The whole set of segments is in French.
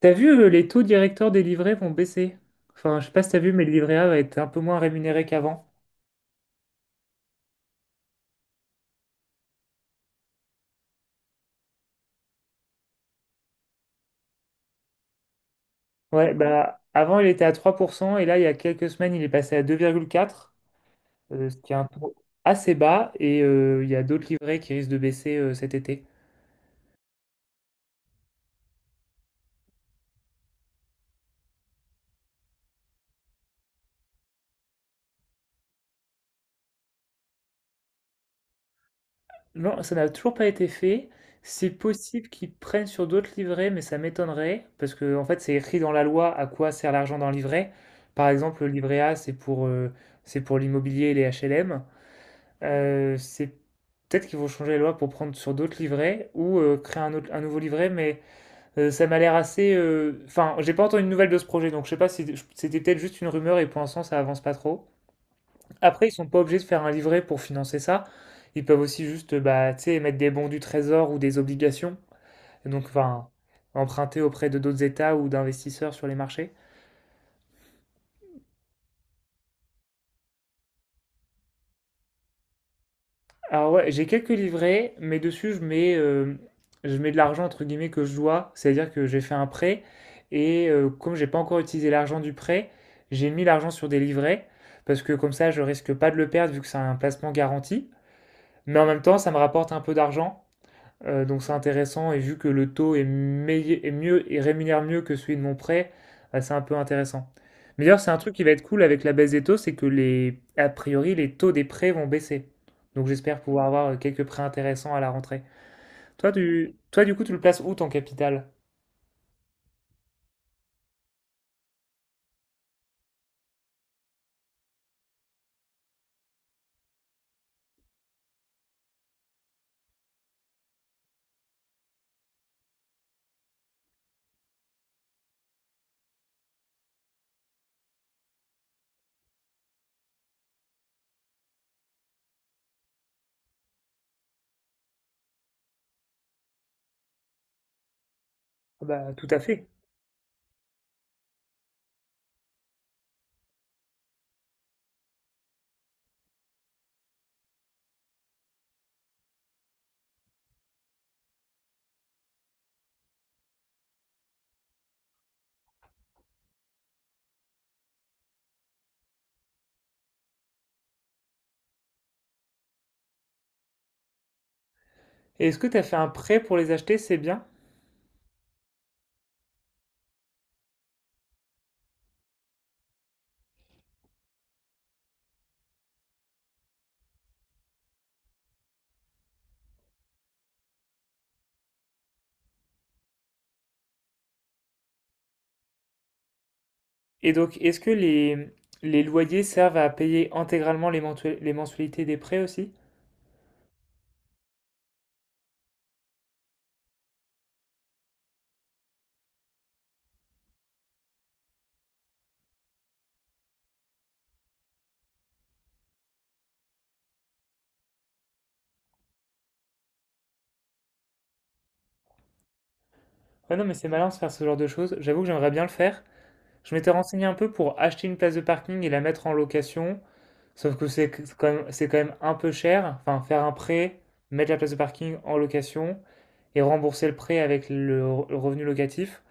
T'as vu, les taux directeurs des livrets vont baisser. Enfin, je sais pas si t'as vu, mais le livret A va être un peu moins rémunéré qu'avant. Ouais, bah avant il était à 3% et là il y a quelques semaines il est passé à 2,4, ce qui est un taux assez bas et il y a d'autres livrets qui risquent de baisser cet été. Non, ça n'a toujours pas été fait. C'est possible qu'ils prennent sur d'autres livrets, mais ça m'étonnerait parce que en fait c'est écrit dans la loi à quoi sert l'argent d'un livret. Par exemple, le livret A c'est pour l'immobilier et les HLM. C'est peut-être qu'ils vont changer les lois pour prendre sur d'autres livrets ou créer un, autre- un nouveau livret, mais ça m'a l'air assez. Enfin, j'ai pas entendu de nouvelles de ce projet, donc je sais pas si c'était peut-être juste une rumeur et pour l'instant ça avance pas trop. Après, ils sont pas obligés de faire un livret pour financer ça. Ils peuvent aussi juste, bah, tu sais, mettre des bons du trésor ou des obligations. Et donc, enfin, emprunter auprès de d'autres États ou d'investisseurs sur les marchés. Alors ouais, j'ai quelques livrets, mais dessus je mets de l'argent entre guillemets que je dois, c'est-à-dire que j'ai fait un prêt et comme j'ai pas encore utilisé l'argent du prêt, j'ai mis l'argent sur des livrets parce que comme ça je risque pas de le perdre vu que c'est un placement garanti, mais en même temps ça me rapporte un peu d'argent donc c'est intéressant et vu que le taux est, est mieux et rémunère mieux que celui de mon prêt, bah, c'est un peu intéressant. Mais d'ailleurs, c'est un truc qui va être cool avec la baisse des taux, c'est que les, a priori, les taux des prêts vont baisser. Donc j'espère pouvoir avoir quelques prêts intéressants à la rentrée. Toi, du coup, tu le places où ton capital? Ah bah, tout à fait. Et est-ce que tu as fait un prêt pour les acheter? C'est bien. Et donc, est-ce que les loyers servent à payer intégralement les les mensualités des prêts aussi? Ouais, non, mais c'est malin de se faire ce genre de choses. J'avoue que j'aimerais bien le faire. Je m'étais renseigné un peu pour acheter une place de parking et la mettre en location, sauf que c'est quand même, c'est quand même un peu cher. Enfin, faire un prêt, mettre la place de parking en location et rembourser le prêt avec le, le revenu locatif.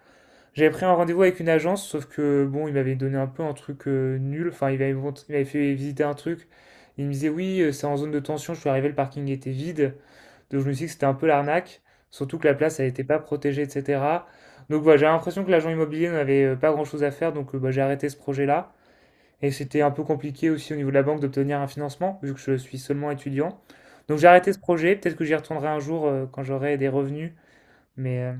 J'avais pris un rendez-vous avec une agence, sauf que bon, il m'avait donné un peu un truc nul. Enfin, il m'avait fait visiter un truc. Il me disait oui, c'est en zone de tension. Je suis arrivé, le parking était vide. Donc je me suis dit que c'était un peu l'arnaque, surtout que la place, elle n'était pas protégée, etc. Donc voilà, j'ai l'impression que l'agent immobilier n'avait pas grand-chose à faire, donc bah, j'ai arrêté ce projet-là. Et c'était un peu compliqué aussi au niveau de la banque d'obtenir un financement, vu que je suis seulement étudiant. Donc j'ai arrêté ce projet, peut-être que j'y retournerai un jour quand j'aurai des revenus. Mais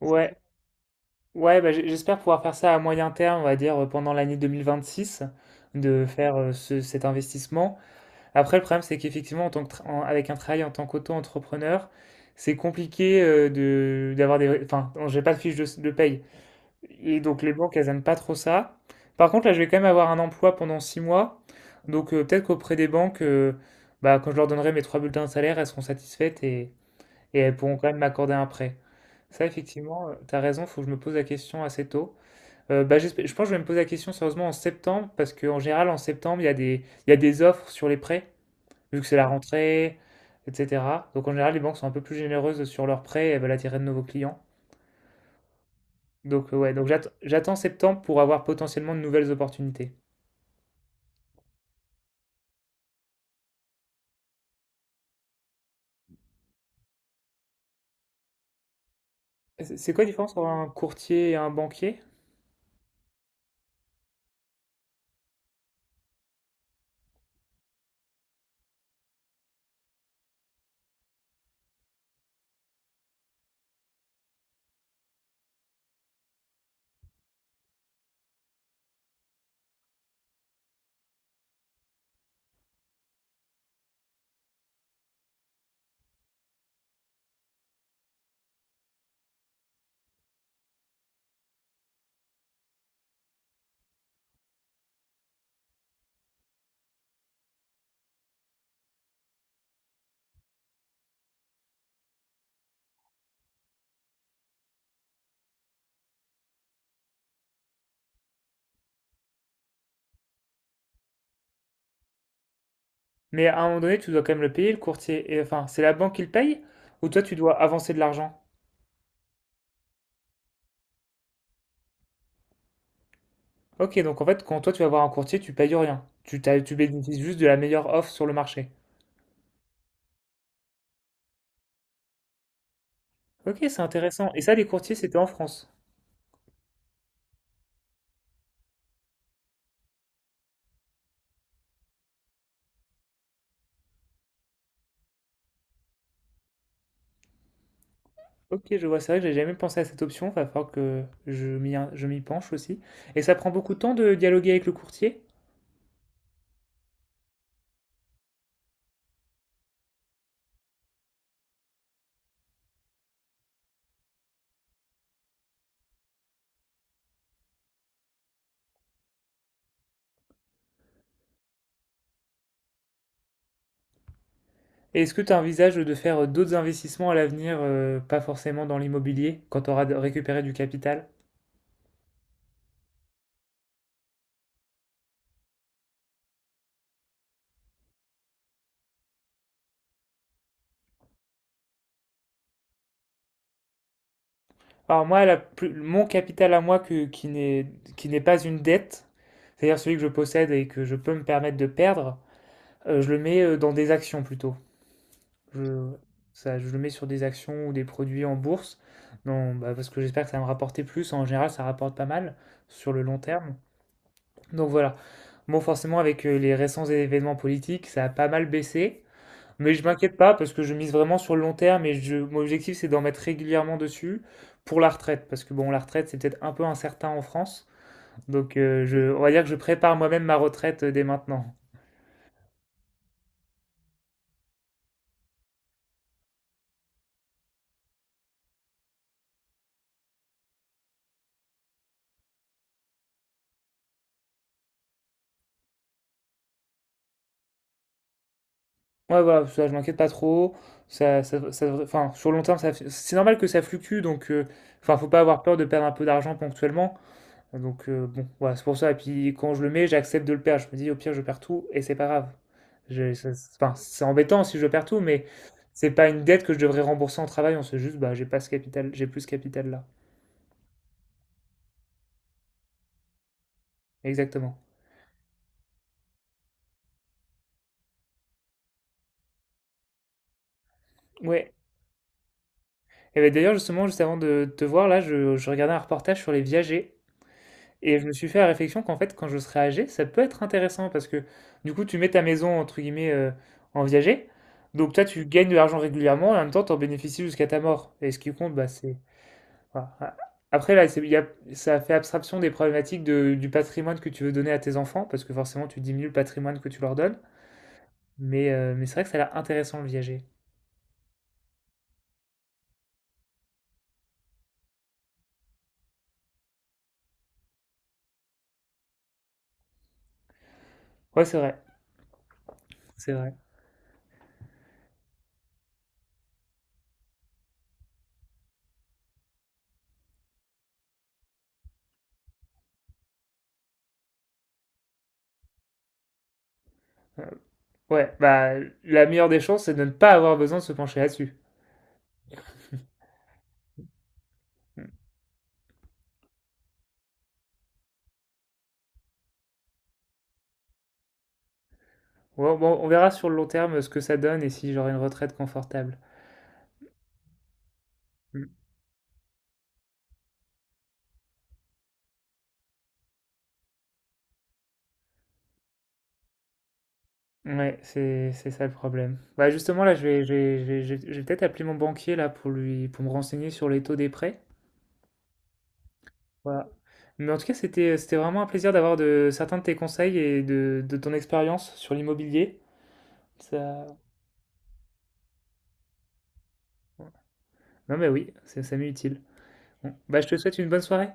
ouais, ouais, bah, j'espère pouvoir faire ça à moyen terme, on va dire pendant l'année 2026, de faire cet investissement. Après, le problème, c'est qu'effectivement, en tant que avec un travail en tant qu'auto-entrepreneur, c'est compliqué de d'avoir des... Enfin, j'ai pas de fiche de, de paye. Et donc, les banques, elles aiment pas trop ça. Par contre, là, je vais quand même avoir un emploi pendant 6 mois. Donc, peut-être qu'auprès des banques, bah, quand je leur donnerai mes trois bulletins de salaire, elles seront satisfaites et elles pourront quand même m'accorder un prêt. Ça, effectivement, t'as raison, faut que je me pose la question assez tôt. Je pense que je vais me poser la question sérieusement en septembre, parce qu'en général, en septembre, il y a des offres sur les prêts vu que c'est la rentrée, etc. Donc en général, les banques sont un peu plus généreuses sur leurs prêts et elles veulent attirer de nouveaux clients. Donc ouais, donc j'attends septembre pour avoir potentiellement de nouvelles opportunités. C'est quoi la différence entre un courtier et un banquier? Mais à un moment donné, tu dois quand même le payer, le courtier. Et, enfin, c'est la banque qui le paye ou toi, tu dois avancer de l'argent? Ok, donc en fait, quand toi, tu vas voir un courtier, tu payes rien. Tu, tu bénéficies juste de la meilleure offre sur le marché. Ok, c'est intéressant. Et ça, les courtiers, c'était en France. Ok, je vois, c'est vrai que j'ai jamais pensé à cette option, va falloir que je m'y penche aussi. Et ça prend beaucoup de temps de dialoguer avec le courtier? Et est-ce que tu envisages de faire d'autres investissements à l'avenir, pas forcément dans l'immobilier, quand tu auras récupéré du capital? Alors moi, mon capital à moi qui n'est, qui n'est pas une dette, c'est-à-dire celui que je possède et que je peux me permettre de perdre, je le mets dans des actions plutôt. Je, ça, je le mets sur des actions ou des produits en bourse, non, bah, parce que j'espère que ça va me rapporter plus. En général, ça rapporte pas mal sur le long terme. Donc voilà. Bon, forcément, avec les récents événements politiques, ça a pas mal baissé. Mais je m'inquiète pas parce que je mise vraiment sur le long terme et mon objectif c'est d'en mettre régulièrement dessus pour la retraite, parce que bon la retraite c'est peut-être un peu incertain en France, donc on va dire que je prépare moi-même ma retraite dès maintenant. Ouais voilà, ça je m'inquiète pas trop, ça, enfin sur le long terme ça, c'est normal que ça fluctue, donc enfin faut pas avoir peur de perdre un peu d'argent ponctuellement. Donc bon, voilà, c'est pour ça. Et puis quand je le mets, j'accepte de le perdre. Je me dis au pire, je perds tout et c'est pas grave. C'est enfin, c'est embêtant si je perds tout, mais c'est pas une dette que je devrais rembourser en travaillant. C'est juste, bah, j'ai pas ce capital, j'ai plus ce capital là. Exactement. Ouais. Et ben d'ailleurs, justement, juste avant de te voir là, je regardais un reportage sur les viagers et je me suis fait la réflexion qu'en fait, quand je serai âgé, ça peut être intéressant parce que du coup, tu mets ta maison entre guillemets en viager. Donc toi, tu gagnes de l'argent régulièrement et en même temps, tu en bénéficies jusqu'à ta mort. Et ce qui compte, bah, c'est voilà. Après, là, c'est- il y a- ça fait abstraction des problématiques du patrimoine que tu veux donner à tes enfants, parce que forcément, tu diminues le patrimoine que tu leur donnes. Mais c'est vrai que ça a l'air intéressant le viager. Ouais, c'est vrai. Euh, ouais, bah, la meilleure des chances, c'est de ne pas avoir besoin de se pencher là-dessus. Mm. Ouais, bon, on verra sur le long terme ce que ça donne et si j'aurai une retraite confortable. Mm. Ouais, c'est ça le problème. Bah, justement, là, je vais peut-être appeler mon banquier là pour lui, pour me renseigner sur les taux des prêts. Voilà. Mais en tout cas, c'était, c'était vraiment un plaisir d'avoir de certains de tes conseils et de ton expérience sur l'immobilier. Ça... ouais. Non mais oui, ça m'est utile. Bon. Bah, je te souhaite une bonne soirée.